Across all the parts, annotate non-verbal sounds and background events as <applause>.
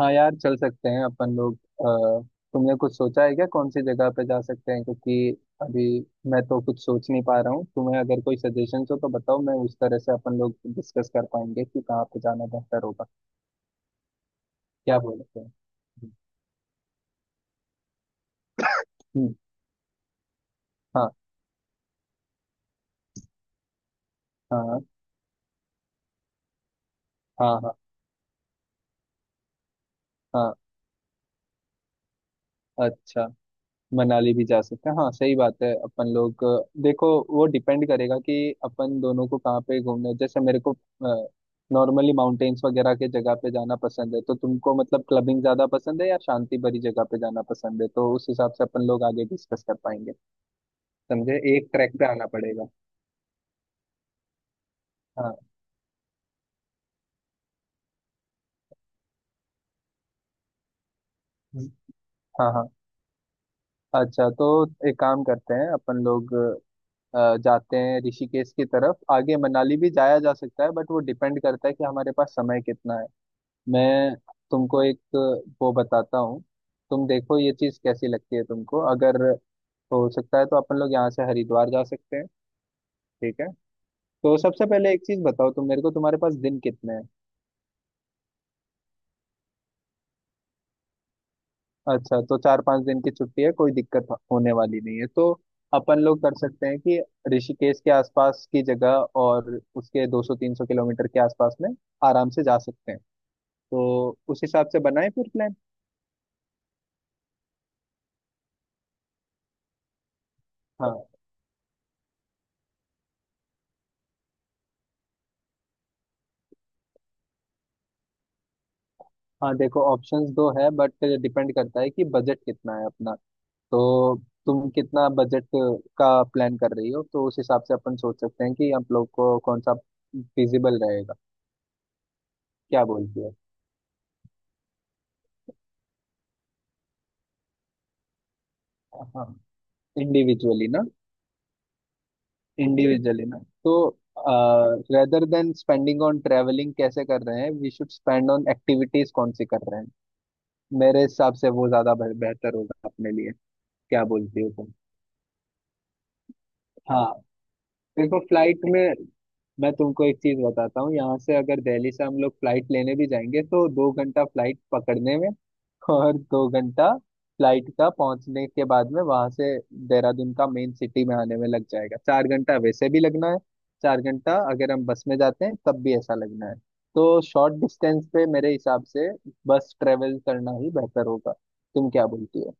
हाँ यार, चल सकते हैं अपन लोग। तुमने कुछ सोचा है क्या, कौन सी जगह पे जा सकते हैं? क्योंकि अभी मैं तो कुछ सोच नहीं पा रहा हूँ। तुम्हें अगर कोई सजेशन हो तो बताओ, मैं उस तरह से अपन लोग डिस्कस कर पाएंगे कि कहाँ पे जाना बेहतर होगा। क्या बोलते हैं? हम्म। हाँ हाँ हाँ। हाँ हाँ। हाँ, अच्छा। मनाली भी जा सकते हैं, हाँ सही बात है। अपन लोग देखो, वो डिपेंड करेगा कि अपन दोनों को कहाँ पे घूमना है। जैसे मेरे को नॉर्मली माउंटेन्स वगैरह के जगह पे जाना पसंद है। तो तुमको मतलब क्लबिंग ज्यादा पसंद है या शांति भरी जगह पे जाना पसंद है, तो उस हिसाब से अपन लोग आगे डिस्कस कर पाएंगे। समझे, एक ट्रैक पे आना पड़ेगा। हाँ हाँ। हाँ। अच्छा, तो एक काम करते हैं अपन लोग। जाते हैं ऋषिकेश की तरफ, आगे मनाली भी जाया जा सकता है, बट वो डिपेंड करता है कि हमारे पास समय कितना है। मैं तुमको एक वो बताता हूँ। तुम देखो ये चीज़ कैसी लगती है तुमको, अगर हो सकता है तो अपन लोग यहाँ से हरिद्वार जा सकते हैं, ठीक है? तो सबसे पहले एक चीज़ बताओ तुम मेरे को, तुम्हारे पास दिन कितने हैं? अच्छा, तो 4-5 दिन की छुट्टी है, कोई दिक्कत होने वाली नहीं है। तो अपन लोग कर सकते हैं कि ऋषिकेश के आसपास की जगह और उसके 200-300 किलोमीटर के आसपास में आराम से जा सकते हैं। तो उस हिसाब से बनाए फिर प्लान। हाँ हाँ। देखो ऑप्शंस दो है, बट डिपेंड करता है कि बजट कितना है अपना। तो तुम कितना बजट का प्लान कर रही हो, तो उस हिसाब से अपन सोच सकते हैं कि आप लोग को कौन सा फिजिबल रहेगा। क्या बोलती हो? हाँ, इंडिविजुअली ना। इंडिविजुअली ना, तो rather than spending on travelling कैसे कर रहे हैं, we should spend on activities कौन सी कर रहे हैं। मेरे हिसाब से वो ज्यादा बेहतर होगा अपने लिए। क्या बोलती हो तुम? हाँ देखो, फ्लाइट में मैं तुमको एक चीज बताता हूँ। यहाँ से अगर दिल्ली से हम लोग फ्लाइट लेने भी जाएंगे, तो 2 घंटा फ्लाइट पकड़ने में और 2 घंटा फ्लाइट का, पहुंचने के बाद में वहां से देहरादून का मेन सिटी में आने में लग जाएगा। 4 घंटा वैसे भी लगना है। 4 घंटा अगर हम बस में जाते हैं तब भी ऐसा लगना है। तो शॉर्ट डिस्टेंस पे मेरे हिसाब से बस ट्रेवल करना ही बेहतर होगा। तुम क्या बोलती हो?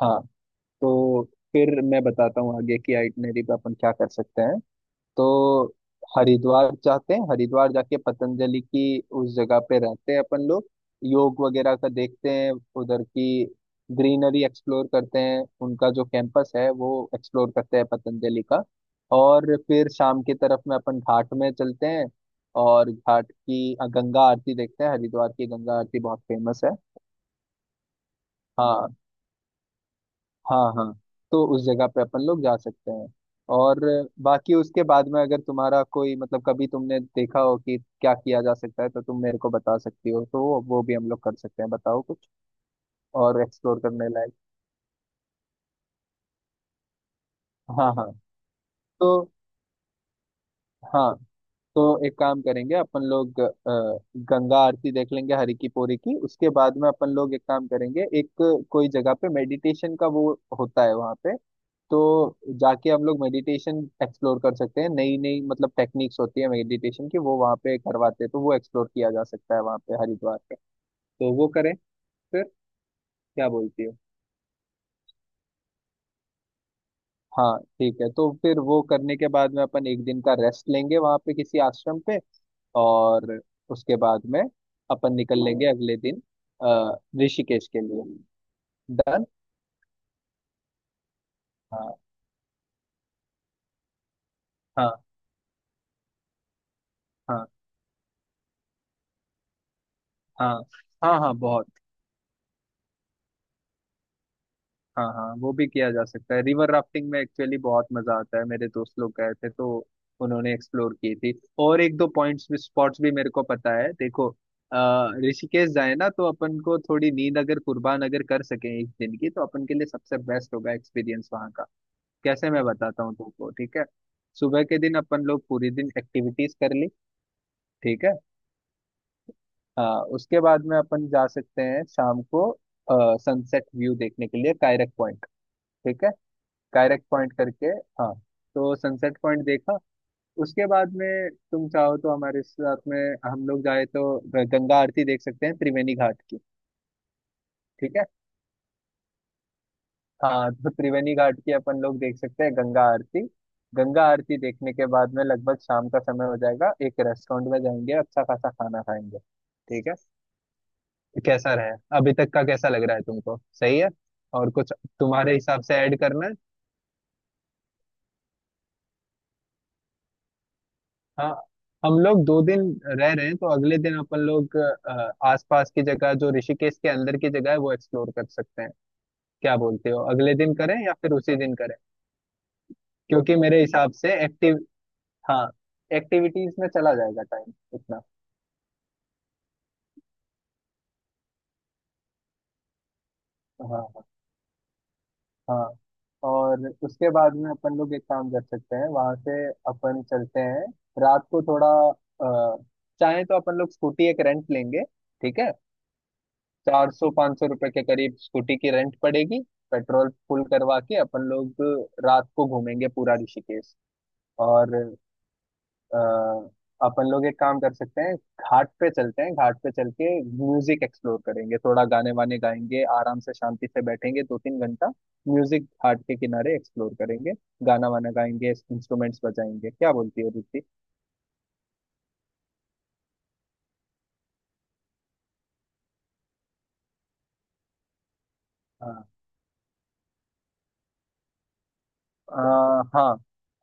हाँ, तो फिर मैं बताता हूँ आगे की आइटनरी पे अपन क्या कर सकते हैं। तो हरिद्वार जाते हैं, हरिद्वार जाके पतंजलि की उस जगह पे रहते हैं अपन लोग, योग वगैरह का देखते हैं, उधर की ग्रीनरी एक्सप्लोर करते हैं, उनका जो कैंपस है वो एक्सप्लोर करते हैं पतंजलि का। और फिर शाम की तरफ में अपन घाट में चलते हैं और घाट की गंगा आरती देखते हैं। हरिद्वार की गंगा आरती बहुत फेमस है। हाँ हाँ। हाँ, तो उस जगह पे अपन लोग जा सकते हैं। और बाकी उसके बाद में अगर तुम्हारा कोई मतलब कभी तुमने देखा हो कि क्या किया जा सकता है, तो तुम मेरे को बता सकती हो, तो वो भी हम लोग कर सकते हैं। बताओ कुछ और एक्सप्लोर करने लायक। हाँ हाँ। तो हाँ, तो एक काम करेंगे अपन लोग। गंगा आरती देख लेंगे हरि की पौड़ी की। उसके बाद में अपन लोग एक काम करेंगे, एक कोई जगह पे मेडिटेशन का वो होता है वहाँ पे, तो जाके हम लोग मेडिटेशन एक्सप्लोर कर सकते हैं। नई नई मतलब टेक्निक्स होती है मेडिटेशन की, वो वहाँ पे करवाते हैं, तो वो एक्सप्लोर किया जा सकता है वहाँ पे हरिद्वार पे। तो वो करें फिर, क्या बोलती हो? हाँ ठीक है, तो फिर वो करने के बाद में अपन एक दिन का रेस्ट लेंगे वहाँ पे किसी आश्रम पे। और उसके बाद में अपन निकल लेंगे अगले दिन अ, ऋषिकेश के लिए। डन। हाँ हाँ। हाँ हाँ। हाँ हाँ बहुत। हाँ हाँ, वो भी किया जा सकता है। रिवर राफ्टिंग में एक्चुअली बहुत मजा आता है, मेरे दोस्त लोग गए थे तो उन्होंने एक्सप्लोर की थी। और एक दो पॉइंट्स भी, स्पॉट्स भी मेरे को पता है। देखो, अ, ऋषिकेश जाए ना, तो अपन को थोड़ी नींद अगर कुर्बान अगर कर सकें एक दिन की, तो अपन के लिए सबसे बेस्ट होगा एक्सपीरियंस वहाँ का। कैसे, मैं बताता हूँ तुमको, ठीक है? सुबह के दिन अपन लोग पूरी दिन एक्टिविटीज कर ली, ठीक है। हाँ, उसके बाद में अपन जा सकते हैं शाम को सनसेट व्यू देखने के लिए कायरक पॉइंट, ठीक है। कायरक पॉइंट करके हाँ, तो सनसेट पॉइंट देखा। उसके बाद में तुम चाहो तो हमारे साथ में हम लोग जाए, तो गंगा आरती देख सकते हैं त्रिवेणी घाट की, ठीक है। हाँ, तो त्रिवेणी घाट की अपन लोग देख सकते हैं गंगा आरती। गंगा आरती देखने के बाद में लगभग शाम का समय हो जाएगा, एक रेस्टोरेंट में जाएंगे, अच्छा खासा खाना खाएंगे, ठीक है। तो कैसा रहे, अभी तक का कैसा लग रहा है तुमको, सही है? और कुछ तुम्हारे हिसाब से ऐड करना है? हाँ, हम लोग 2 दिन रह रहे हैं, तो अगले दिन अपन लोग आसपास की जगह, जो ऋषिकेश के अंदर की जगह है, वो एक्सप्लोर कर सकते हैं। क्या बोलते हो, अगले दिन करें या फिर उसी दिन करें? क्योंकि मेरे हिसाब से एक्टिव, हाँ, एक्टिविटीज में चला जाएगा टाइम इतना। हाँ हाँ। हाँ, और उसके बाद में अपन लोग एक काम कर सकते हैं, वहां से अपन चलते हैं रात को थोड़ा, अ, चाहे तो अपन लोग स्कूटी एक रेंट लेंगे, ठीक है। 400-500 रुपए के करीब स्कूटी की रेंट पड़ेगी। पेट्रोल फुल करवा के अपन लोग रात को घूमेंगे पूरा ऋषिकेश। और अ, अपन लोग एक काम कर सकते हैं, घाट पे चलते हैं। घाट पे चल के म्यूजिक एक्सप्लोर करेंगे, थोड़ा गाने वाने गाएंगे, आराम से शांति से बैठेंगे 2-3 घंटा। म्यूजिक घाट के किनारे एक्सप्लोर करेंगे, गाना वाना गाएंगे, इंस्ट्रूमेंट्स बजाएंगे। क्या बोलती है रुचि? हाँ हाँ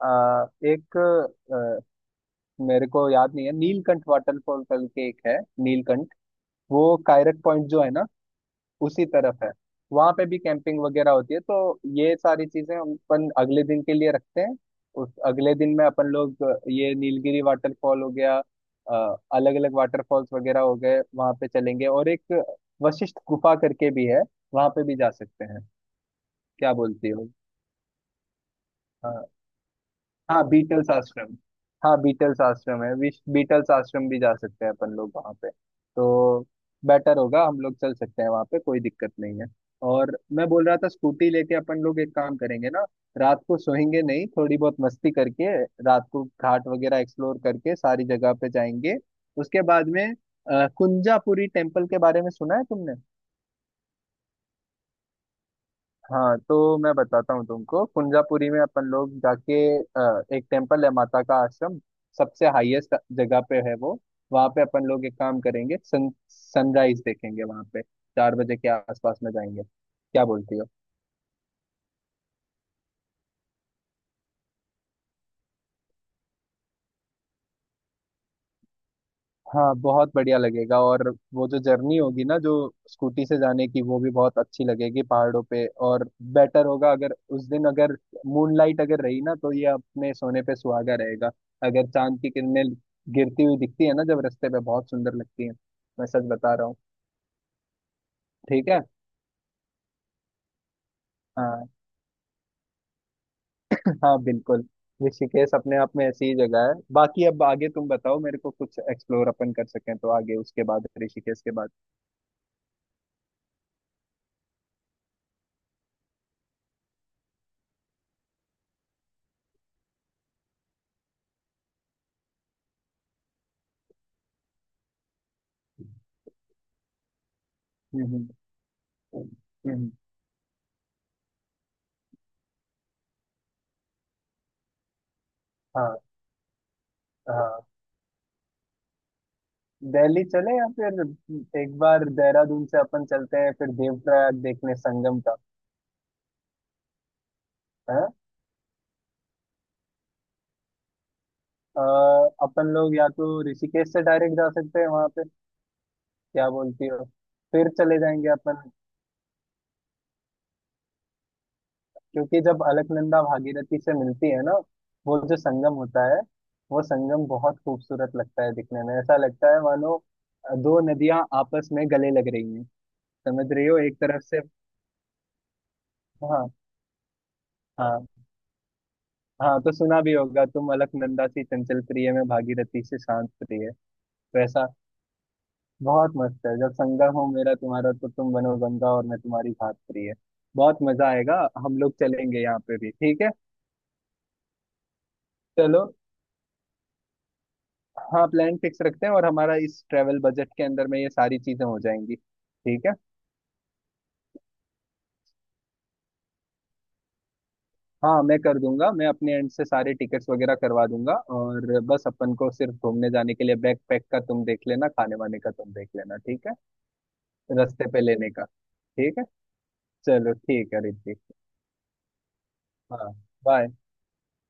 एक मेरे को याद नहीं है, नीलकंठ वाटरफॉल कल के एक है। नीलकंठ, वो कायरक पॉइंट जो है ना उसी तरफ है। वहां पे भी कैंपिंग वगैरह होती है, तो ये सारी चीजें हम अपन अगले दिन के लिए रखते हैं। उस अगले दिन में अपन लोग ये नीलगिरी वाटरफॉल हो गया, अलग अलग वाटरफॉल्स वगैरह हो गए, वहां पे चलेंगे। और एक वशिष्ठ गुफा करके भी है, वहां पे भी जा सकते हैं। क्या बोलती हो? हाँ। हाँ बीटल्स आश्रम। हाँ बीटल्स आश्रम है, विश बीटल्स आश्रम भी जा सकते हैं अपन लोग वहाँ पे, तो बेटर होगा। हम लोग चल सकते हैं वहाँ पे, कोई दिक्कत नहीं है। और मैं बोल रहा था स्कूटी लेके अपन लोग एक काम करेंगे ना, रात को सोएंगे नहीं, थोड़ी बहुत मस्ती करके, रात को घाट वगैरह एक्सप्लोर करके सारी जगह पे जाएंगे। उसके बाद में कुंजापुरी टेम्पल के बारे में सुना है तुमने? हाँ, तो मैं बताता हूँ तुमको। कुंजापुरी में अपन लोग जाके एक टेम्पल है माता का आश्रम, सबसे हाईएस्ट जगह पे है वो। वहाँ पे अपन लोग एक काम करेंगे, सन सनराइज देखेंगे वहाँ पे, 4 बजे के आसपास में जाएंगे। क्या बोलती हो? हाँ बहुत बढ़िया लगेगा। और वो जो जर्नी होगी ना जो स्कूटी से जाने की, वो भी बहुत अच्छी लगेगी पहाड़ों पे। और बेटर होगा अगर उस दिन अगर मूनलाइट अगर रही ना, तो ये अपने सोने पे सुहागा रहेगा। अगर चांद की किरणें गिरती हुई दिखती है ना जब रास्ते पे, बहुत सुंदर लगती है। मैं सच बता रहा हूँ। ठीक है। हाँ। <laughs> हाँ बिल्कुल, ऋषिकेश अपने आप में ऐसी ही जगह है। बाकी अब आगे तुम बताओ मेरे को, कुछ एक्सप्लोर अपन कर सकें तो आगे, उसके बाद, ऋषिकेश के बाद। हम्म। हम्म। हम्म। हम्म। हाँ हाँ, दिल्ली चले या फिर एक बार देहरादून से अपन चलते हैं, फिर देवप्रयाग देखने संगम का, है। अपन लोग या तो ऋषिकेश से डायरेक्ट जा सकते हैं वहां पे, क्या बोलती हो? फिर चले जाएंगे अपन। क्योंकि जब अलकनंदा भागीरथी से मिलती है ना, वो जो संगम होता है, वो संगम बहुत खूबसूरत लगता है दिखने में। ऐसा लगता है मानो दो नदियां आपस में गले लग रही हैं। समझ रही हो, एक तरफ से? हाँ हाँ। हाँ, तो सुना भी होगा तुम, अलकनंदा सी चंचल प्रिय में भागीरथी से शांत प्रिय, वैसा। बहुत मस्त है जब संगम हो मेरा तुम्हारा, तो तुम बनो गंगा और मैं तुम्हारी घात प्रिय। बहुत मजा आएगा। हम लोग चलेंगे यहाँ पे भी, ठीक है। चलो, हाँ, प्लान फिक्स रखते हैं। और हमारा इस ट्रेवल बजट के अंदर में ये सारी चीजें हो जाएंगी, ठीक है। हाँ मैं कर दूंगा, मैं अपने एंड से सारे टिकट्स वगैरह करवा दूंगा। और बस अपन को सिर्फ घूमने जाने के लिए, बैग पैक का तुम देख लेना, खाने वाने का तुम देख लेना, ठीक है, रास्ते पे लेने का। ठीक है, चलो। ठीक है ऋतिक। हाँ, बाय।